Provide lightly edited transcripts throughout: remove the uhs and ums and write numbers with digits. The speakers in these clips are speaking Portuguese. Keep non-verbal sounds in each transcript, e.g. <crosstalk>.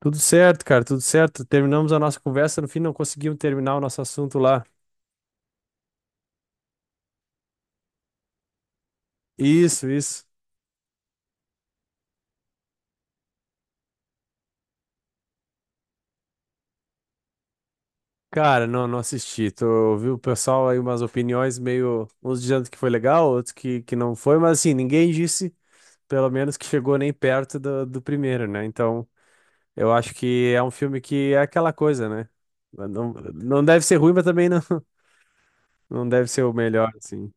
Tudo certo, cara, tudo certo. Terminamos a nossa conversa, no fim não conseguimos terminar o nosso assunto lá. Isso, isso. Cara, não, não assisti. Tô, ouvi o pessoal aí umas opiniões meio, uns dizendo que foi legal, outros que não foi, mas assim, ninguém disse, pelo menos, que chegou nem perto do primeiro, né? Então, eu acho que é um filme que é aquela coisa, né? Não, não deve ser ruim, mas também não, <laughs> não deve ser o melhor, assim.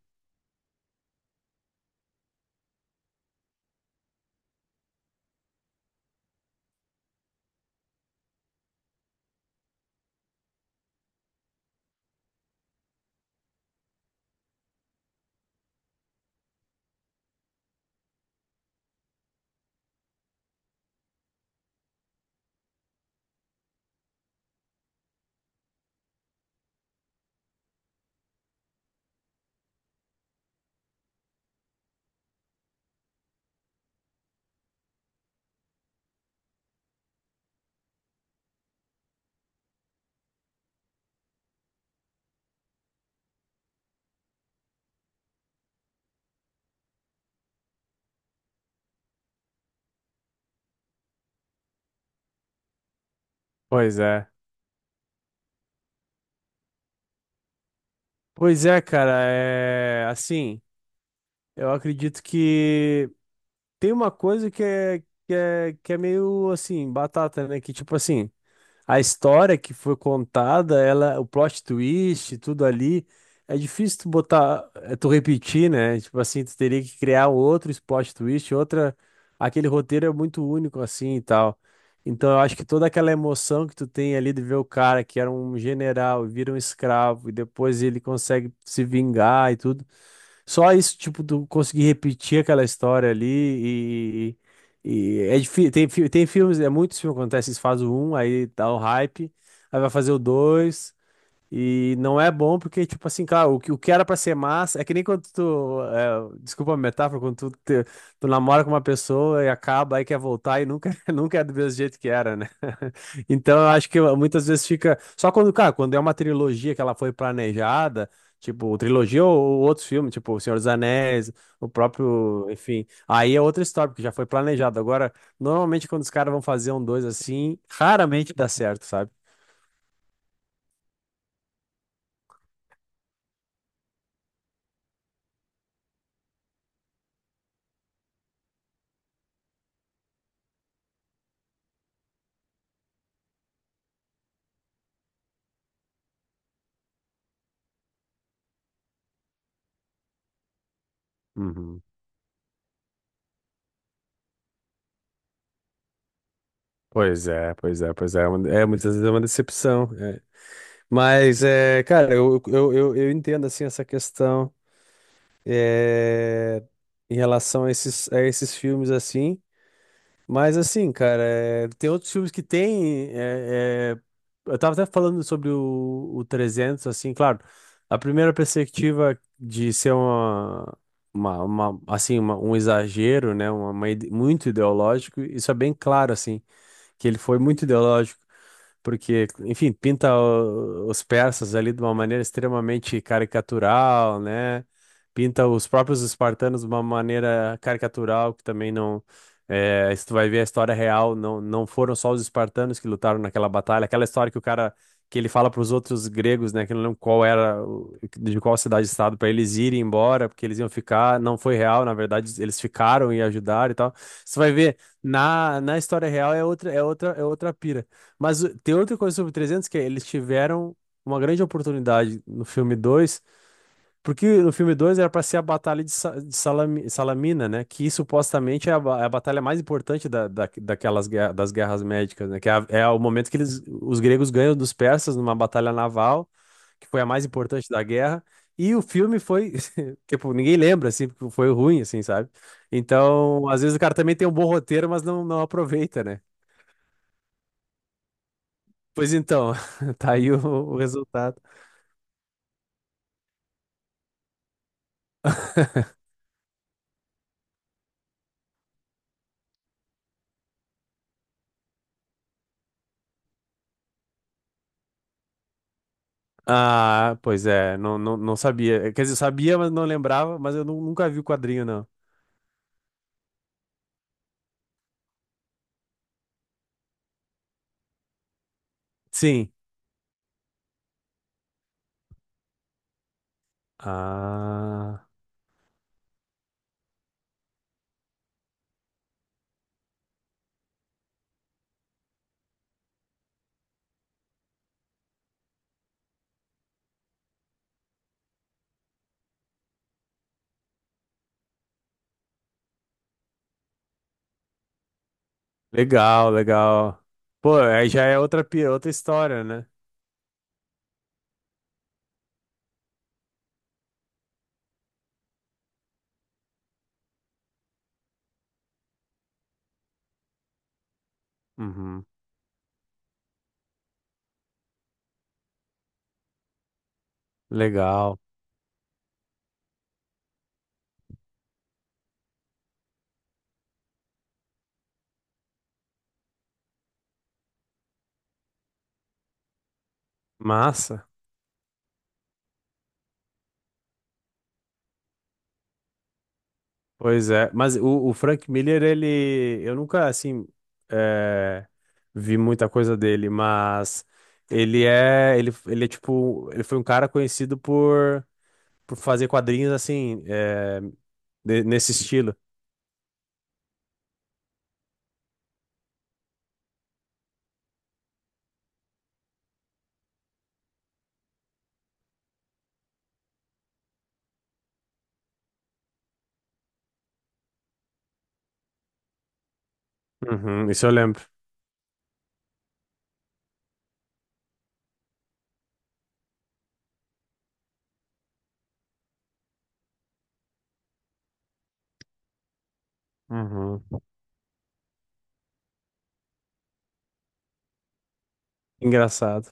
Pois é. Pois é, cara, é assim, eu acredito que tem uma coisa que é, que é meio assim, batata, né? Que tipo assim, a história que foi contada, ela, o plot twist, tudo ali, é difícil tu botar, é, tu repetir, né? Tipo assim, tu teria que criar outro plot twist, outra. Aquele roteiro é muito único assim e tal. Então eu acho que toda aquela emoção que tu tem ali de ver o cara que era um general, e vira um escravo, e depois ele consegue se vingar e tudo. Só isso, tipo, tu conseguir repetir aquela história ali e. e é difícil. Tem, tem filmes, é muitos filmes que acontece, eles fazem o um, aí dá o hype, aí vai fazer o dois. E não é bom porque, tipo assim, cara, o que era pra ser massa. É que nem quando tu. É, desculpa a metáfora, quando tu, tu namora com uma pessoa e acaba, aí quer voltar e nunca, <laughs> nunca é do mesmo jeito que era, né? <laughs> Então eu acho que muitas vezes fica. Só quando, cara, quando é uma trilogia que ela foi planejada, tipo, trilogia ou outros filmes, tipo, O Senhor dos Anéis, o próprio. Enfim. Aí é outra história, porque já foi planejado. Agora, normalmente quando os caras vão fazer um dois assim, raramente dá certo, sabe? Uhum. Pois é, pois é, pois é. É uma- é, muitas vezes é uma decepção. É. Mas, é, cara, eu entendo, assim, essa questão é, em relação a esses filmes, assim. Mas, assim, cara, é, tem outros filmes que tem... é, é, eu tava até falando sobre o 300, assim, claro. A primeira perspectiva de ser uma... uma- assim, uma- um exagero, né? Uma muito ideológico, isso é bem claro, assim que ele foi muito ideológico, porque, enfim, pinta os persas ali de uma maneira extremamente caricatural, né? Pinta os próprios espartanos de uma maneira caricatural, que também não. É, se tu vai ver a história real, não, não foram só os espartanos que lutaram naquela batalha, aquela história que o cara. Que ele fala para os outros gregos, né, que eu não lembro qual era, de qual cidade-estado, para eles irem embora, porque eles iam ficar, não foi real, na verdade, eles ficaram e ajudaram e tal. Você vai ver, na história real é outra, é outra, é outra pira. Mas tem outra coisa sobre 300 que é, eles tiveram uma grande oportunidade no filme 2 porque no filme 2 era pra ser a batalha de, de Salamina, né? Que supostamente é a, é a batalha mais importante daquelas das guerras médicas, né? Que é, é o momento que eles, os gregos ganham dos persas numa batalha naval, que foi a mais importante da guerra. E o filme foi, <laughs> tipo, ninguém lembra, assim, porque foi ruim, assim, sabe? Então, às vezes o cara também tem um bom roteiro, mas não, não aproveita, né? Pois então, <laughs> tá aí o resultado. <laughs> Ah, pois é, não, não, não sabia. Quer dizer, sabia, mas não lembrava, mas eu nunca vi o quadrinho, não. Sim. Ah, legal, legal. Pô, aí já é outra, outra história, né? Uhum. Legal. Massa. Pois é. Mas o Frank Miller, ele. Eu nunca, assim. É, vi muita coisa dele, mas. Ele é. Ele é tipo. Ele foi um cara conhecido por fazer quadrinhos, assim. É, nesse estilo. Uhum, isso eu lembro. Uhum. Engraçado.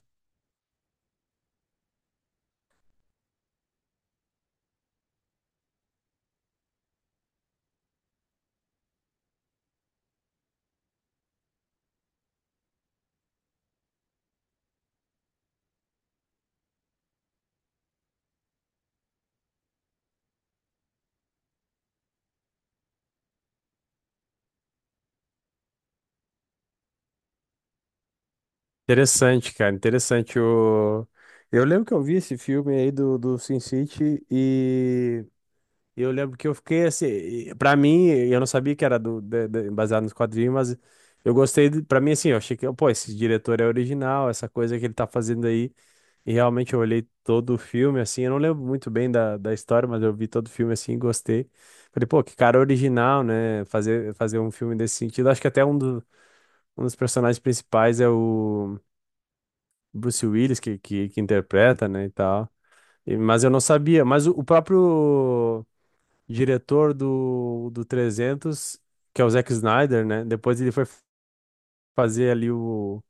Interessante, cara. Interessante o. Eu lembro que eu vi esse filme aí do Sin City e eu lembro que eu fiquei assim. E pra mim, eu não sabia que era do, baseado nos quadrinhos, mas eu gostei. Pra mim, assim, eu achei que, pô, esse diretor é original, essa coisa que ele tá fazendo aí. E realmente eu olhei todo o filme, assim. Eu não lembro muito bem da história, mas eu vi todo o filme assim e gostei. Falei, pô, que cara original, né? Fazer um filme desse sentido. Acho que até um dos personagens principais é o Bruce Willis, que interpreta, né, e tal. E- mas eu não sabia. Mas o próprio diretor do 300, que é o Zack Snyder, né, depois ele foi fazer ali o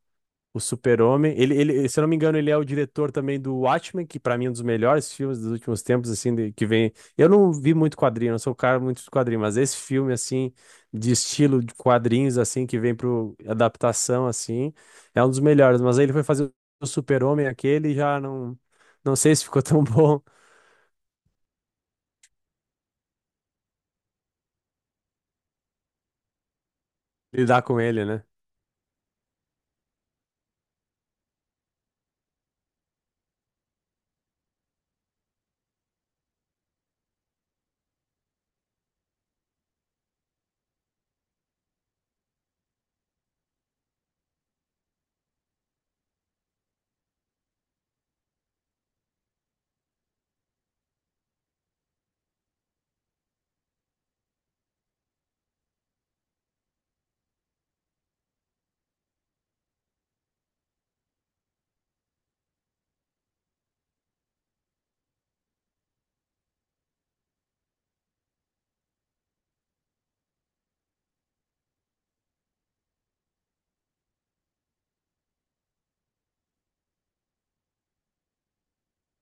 Super-Homem, ele, se eu não me engano, ele é o diretor também do Watchmen, que pra mim é um dos melhores filmes dos últimos tempos, assim, que vem. Eu não vi muito quadrinho, não sou um cara muito de quadrinho, mas esse filme, assim, de estilo de quadrinhos, assim, que vem pro adaptação, assim, é um dos melhores. Mas aí ele foi fazer o Super-Homem aquele e já não, não sei se ficou tão <laughs> bom lidar com ele, né?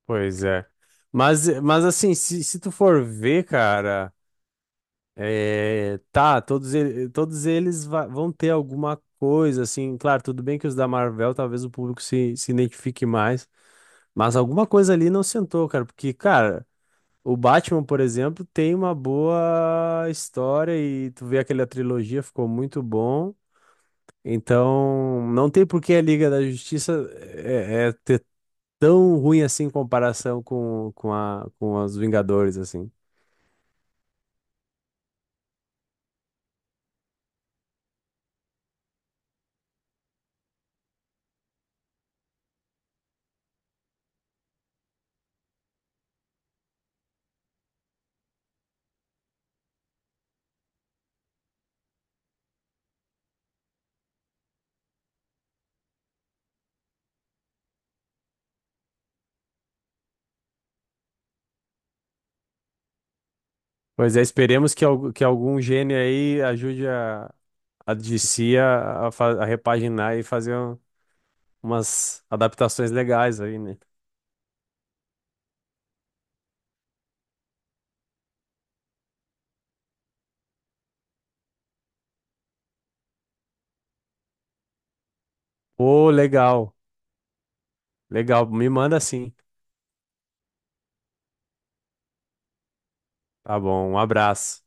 Pois é. Mas assim, se tu for ver, cara. É, tá, todos, todos eles vão ter alguma coisa, assim, claro, tudo bem que os da Marvel talvez o público se identifique mais, mas alguma coisa ali não sentou, cara, porque, cara, o Batman, por exemplo, tem uma boa história e tu vê aquela trilogia, ficou muito bom, então não tem por que a Liga da Justiça é ter tão ruim assim em comparação com os Vingadores, assim. Pois é, esperemos que, que algum gênio aí ajude a DC a, a repaginar e fazer umas adaptações legais aí, né? Ô, legal, legal. Me manda sim. Tá bom, um abraço.